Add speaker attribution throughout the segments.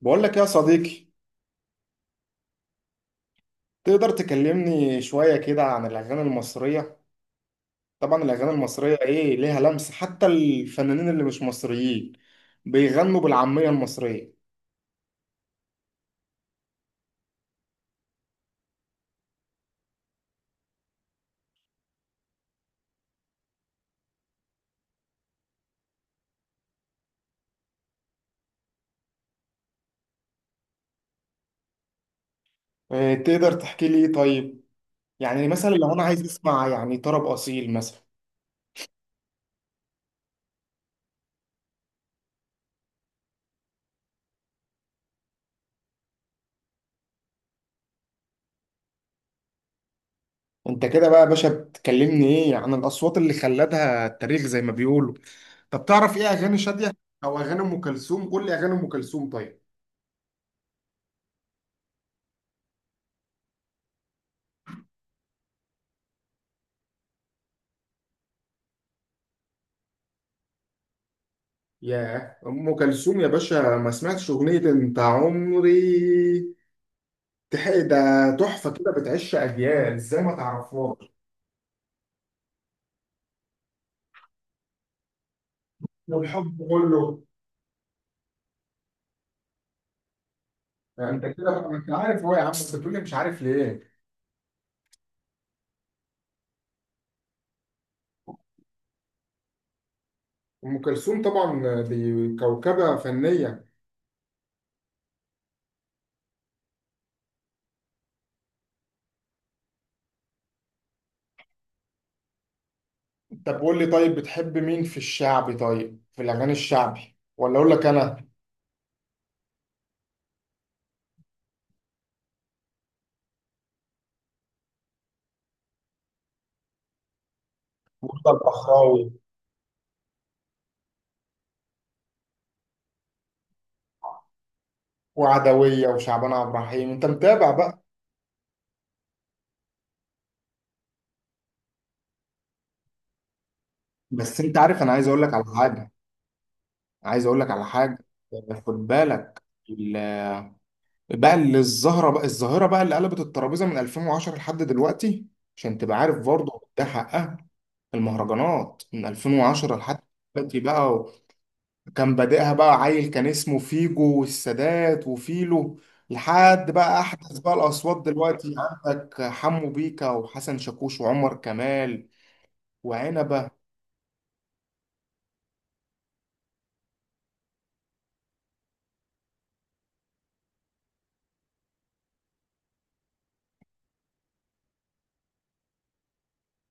Speaker 1: بقول لك يا صديقي، تقدر تكلمني شوية كده عن الأغاني المصرية؟ طبعا الأغاني المصرية إيه ليها لمسة، حتى الفنانين اللي مش مصريين بيغنوا بالعامية المصرية. إيه تقدر تحكي لي إيه طيب؟ يعني مثلا لو أنا عايز أسمع يعني طرب أصيل مثلا. أنت كده بقى يا باشا بتكلمني إيه عن الأصوات اللي خلدها التاريخ زي ما بيقولوا. طب تعرف إيه أغاني شادية أو أغاني أم كلثوم؟ قول لي أغاني أم كلثوم طيب. ياه، ام كلثوم يا باشا، ما سمعتش اغنيه انت عمري؟ تحق ده تحفه كده بتعيش اجيال، ازاي ما تعرفهاش؟ والحب كله. يعني انت كده بقى انت عارف. هو يا عم انت بتقولي مش عارف ليه؟ ام كلثوم طبعا دي كوكبه فنيه. طب قول لي طيب، بتحب مين في الشعبي؟ طيب في الاغاني الشعبي ولا اقول لك انا؟ مرتضى البحراوي وعدويه وشعبان عبد الرحيم، انت متابع بقى؟ بس انت عارف انا عايز اقول لك على حاجه، عايز اقول لك على حاجه. خد بالك. ال- بقى اللي الظاهره بقى اللي قلبت الترابيزه من 2010 لحد دلوقتي، عشان تبقى عارف برضه ده حقها. المهرجانات من 2010 لحد دلوقتي بقى كان بادئها بقى عيل كان اسمه فيجو والسادات وفيلو، لحد بقى احدث بقى الاصوات دلوقتي. عندك حمو بيكا وحسن شاكوش وعمر كمال وعنبه.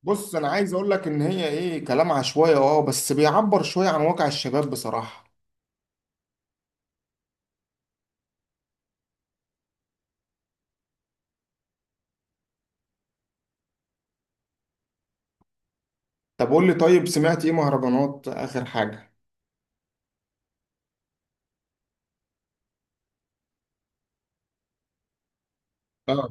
Speaker 1: بص انا عايز اقول لك ان هي ايه، كلام عشوائي اه، بس بيعبر شويه عن واقع الشباب بصراحه. طب قول لي طيب، سمعت ايه مهرجانات اخر حاجة؟ اه.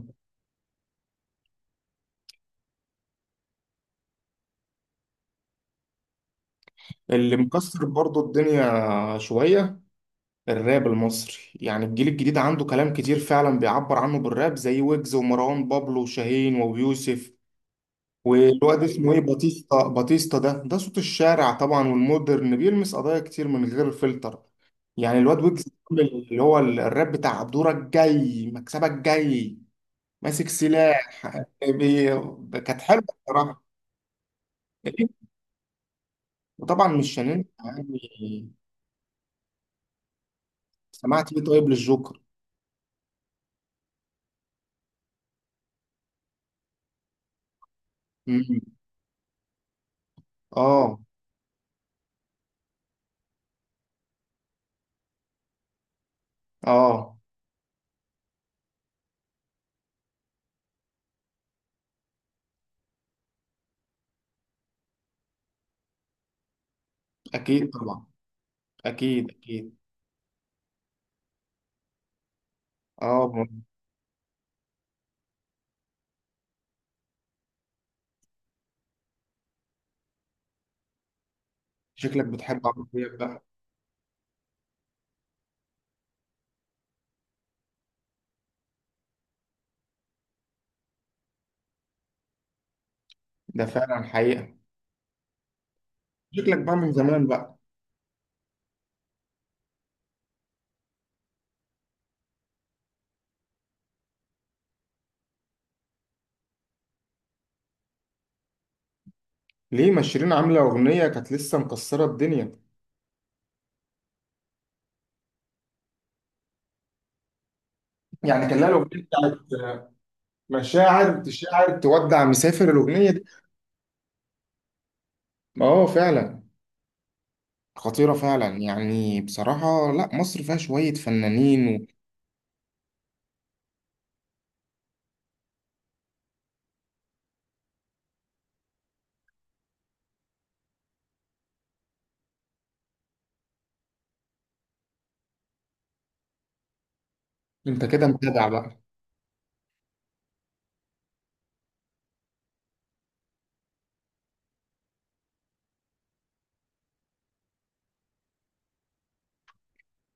Speaker 1: اللي مكسر برضو الدنيا شوية. الراب المصري يعني الجيل الجديد عنده كلام كتير، فعلا بيعبر عنه بالراب زي ويجز ومروان بابلو وشاهين ويوسف. والواد اسمه ايه، باتيستا، باتيستا ده ده صوت الشارع طبعا، والمودرن بيلمس قضايا كتير من غير فلتر. يعني الواد ويجز عامل اللي هو الراب بتاع دورك جاي، مكسبك جاي، ماسك سلاح. بي- كانت حلوة بصراحة. وطبعا مش هننسى يعني. سمعت ايه طيب للجوكر؟ مم. اه. اه اكيد طبعا. اكيد اكيد. اه ب- شكلك بتحب عمرو دياب بقى. ده فعلا حقيقة. شكلك بقى من زمان بقى. ليه ما شيرين عاملة أغنية كانت لسه مكسرة الدنيا؟ يعني كان لها الأغنية بتاعت مشاعر تشاعر تودع مسافر، الأغنية دي. اه فعلا. خطيرة فعلا، يعني بصراحة لا، مصر فيها شوية فنانين. وانت كده متابع بقى.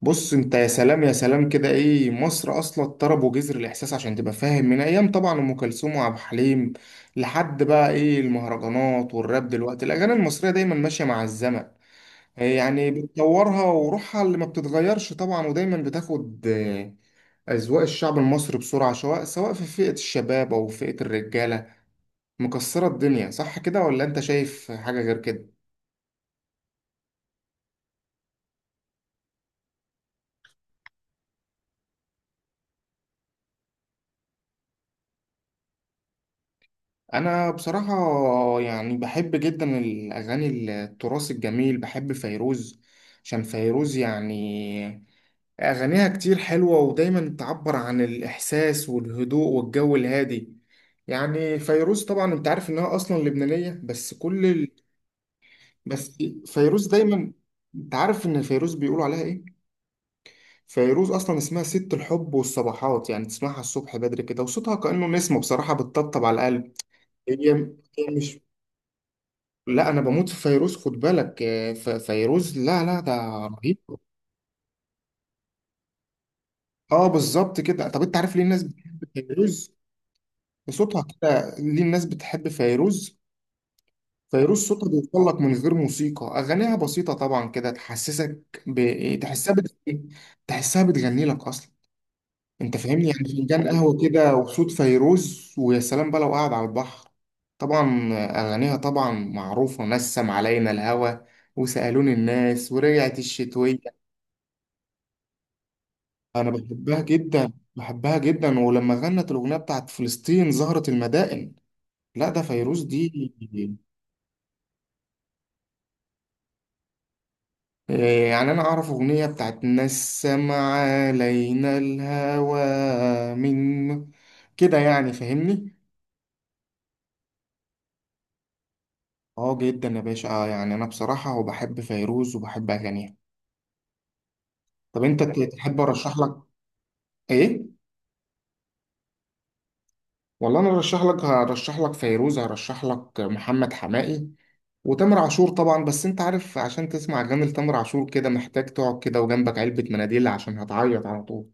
Speaker 1: بص انت، يا سلام يا سلام كده، ايه مصر اصلا طرب وجزر الاحساس، عشان تبقى فاهم من ايام طبعا ام كلثوم وعبد الحليم لحد بقى ايه المهرجانات والراب دلوقتي. الاغاني المصريه دايما ماشيه مع الزمن، إيه يعني بتطورها وروحها اللي ما بتتغيرش طبعا، ودايما بتاخد اذواق الشعب المصري بسرعه، سواء سواء في فئه الشباب او فئه الرجاله. مكسره الدنيا، صح كده ولا انت شايف حاجه غير كده؟ انا بصراحة يعني بحب جدا الاغاني التراث الجميل. بحب فيروز، عشان فيروز يعني اغانيها كتير حلوة، ودايما تعبر عن الاحساس والهدوء والجو الهادي. يعني فيروز طبعا انت عارف انها اصلا لبنانية، بس كل ال... بس فيروز دايما. انت عارف ان فيروز بيقولوا عليها ايه؟ فيروز اصلا اسمها ست الحب والصباحات، يعني تسمعها الصبح بدري كده وصوتها كأنه نسمة بصراحة بتطبطب على القلب. هي هي مش، لا انا بموت في فيروز خد بالك. فيروز لا ده رهيب. اه بالظبط كده. طب انت عارف ليه الناس بتحب فيروز؟ صوتها كده. ليه الناس بتحب فيروز؟ فيروز صوتها بيوصل لك من غير موسيقى، اغانيها بسيطه طبعا كده، تحسسك تحسها تحسها بتغني لك اصلا. انت فاهمني، يعني فنجان قهوه كده وصوت فيروز، ويا سلام بقى لو قاعد على البحر. طبعا اغانيها طبعا معروفه، نسم علينا الهوى، وسالوني الناس، ورجعت الشتويه. انا بحبها جدا، بحبها جدا، ولما غنت الاغنيه بتاعت فلسطين زهرة المدائن، لا ده فيروز دي. يعني انا اعرف اغنيه بتاعت نسم علينا الهوى من كده، يعني فاهمني. اه جدا يا باشا. آه يعني انا بصراحه وبحب فيروز وبحب اغانيها. طب انت تحب ارشح لك ايه؟ والله انا ارشح لك هرشح لك فيروز، هرشح لك محمد حماقي وتامر عاشور طبعا. بس انت عارف، عشان تسمع اغاني لتامر عاشور كده محتاج تقعد كده وجنبك علبة مناديل، عشان هتعيط على طول.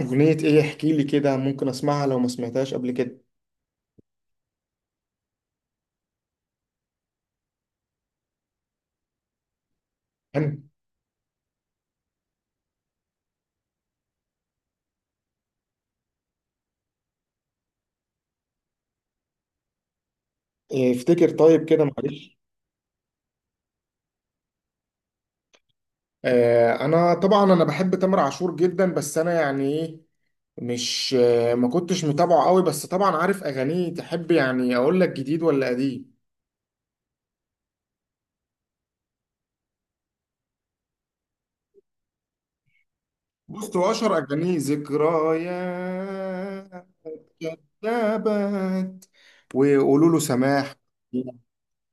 Speaker 1: اغنية ايه؟ احكي لي كده ممكن اسمعها لو ما سمعتهاش قبل كده. حلو. إيه، افتكر طيب كده معلش. آه انا طبعا انا بحب تامر عاشور جدا، بس انا يعني ايه، مش آه ما كنتش متابعه قوي، بس طبعا عارف اغانيه. تحب يعني اقول لك جديد ولا قديم؟ بوست، واشر اغانيه ذكريات، كذبت، وقولوا له سماح،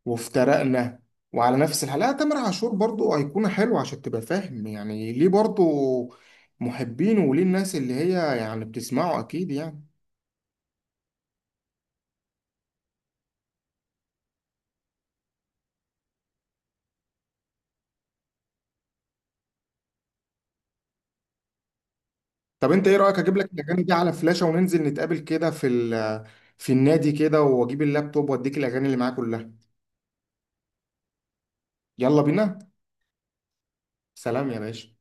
Speaker 1: وافترقنا، وعلى نفس الحلقة. لا، تامر عاشور برضو أيقونة حلوة، عشان تبقى فاهم يعني ليه برضو محبين، وليه الناس اللي هي يعني بتسمعه أكيد يعني. طب أنت إيه رأيك أجيب لك الأغاني دي على فلاشة وننزل نتقابل كده في في النادي كده، وأجيب اللابتوب وأديك الأغاني اللي معايا كلها. يلا بينا. سلام يا باشا.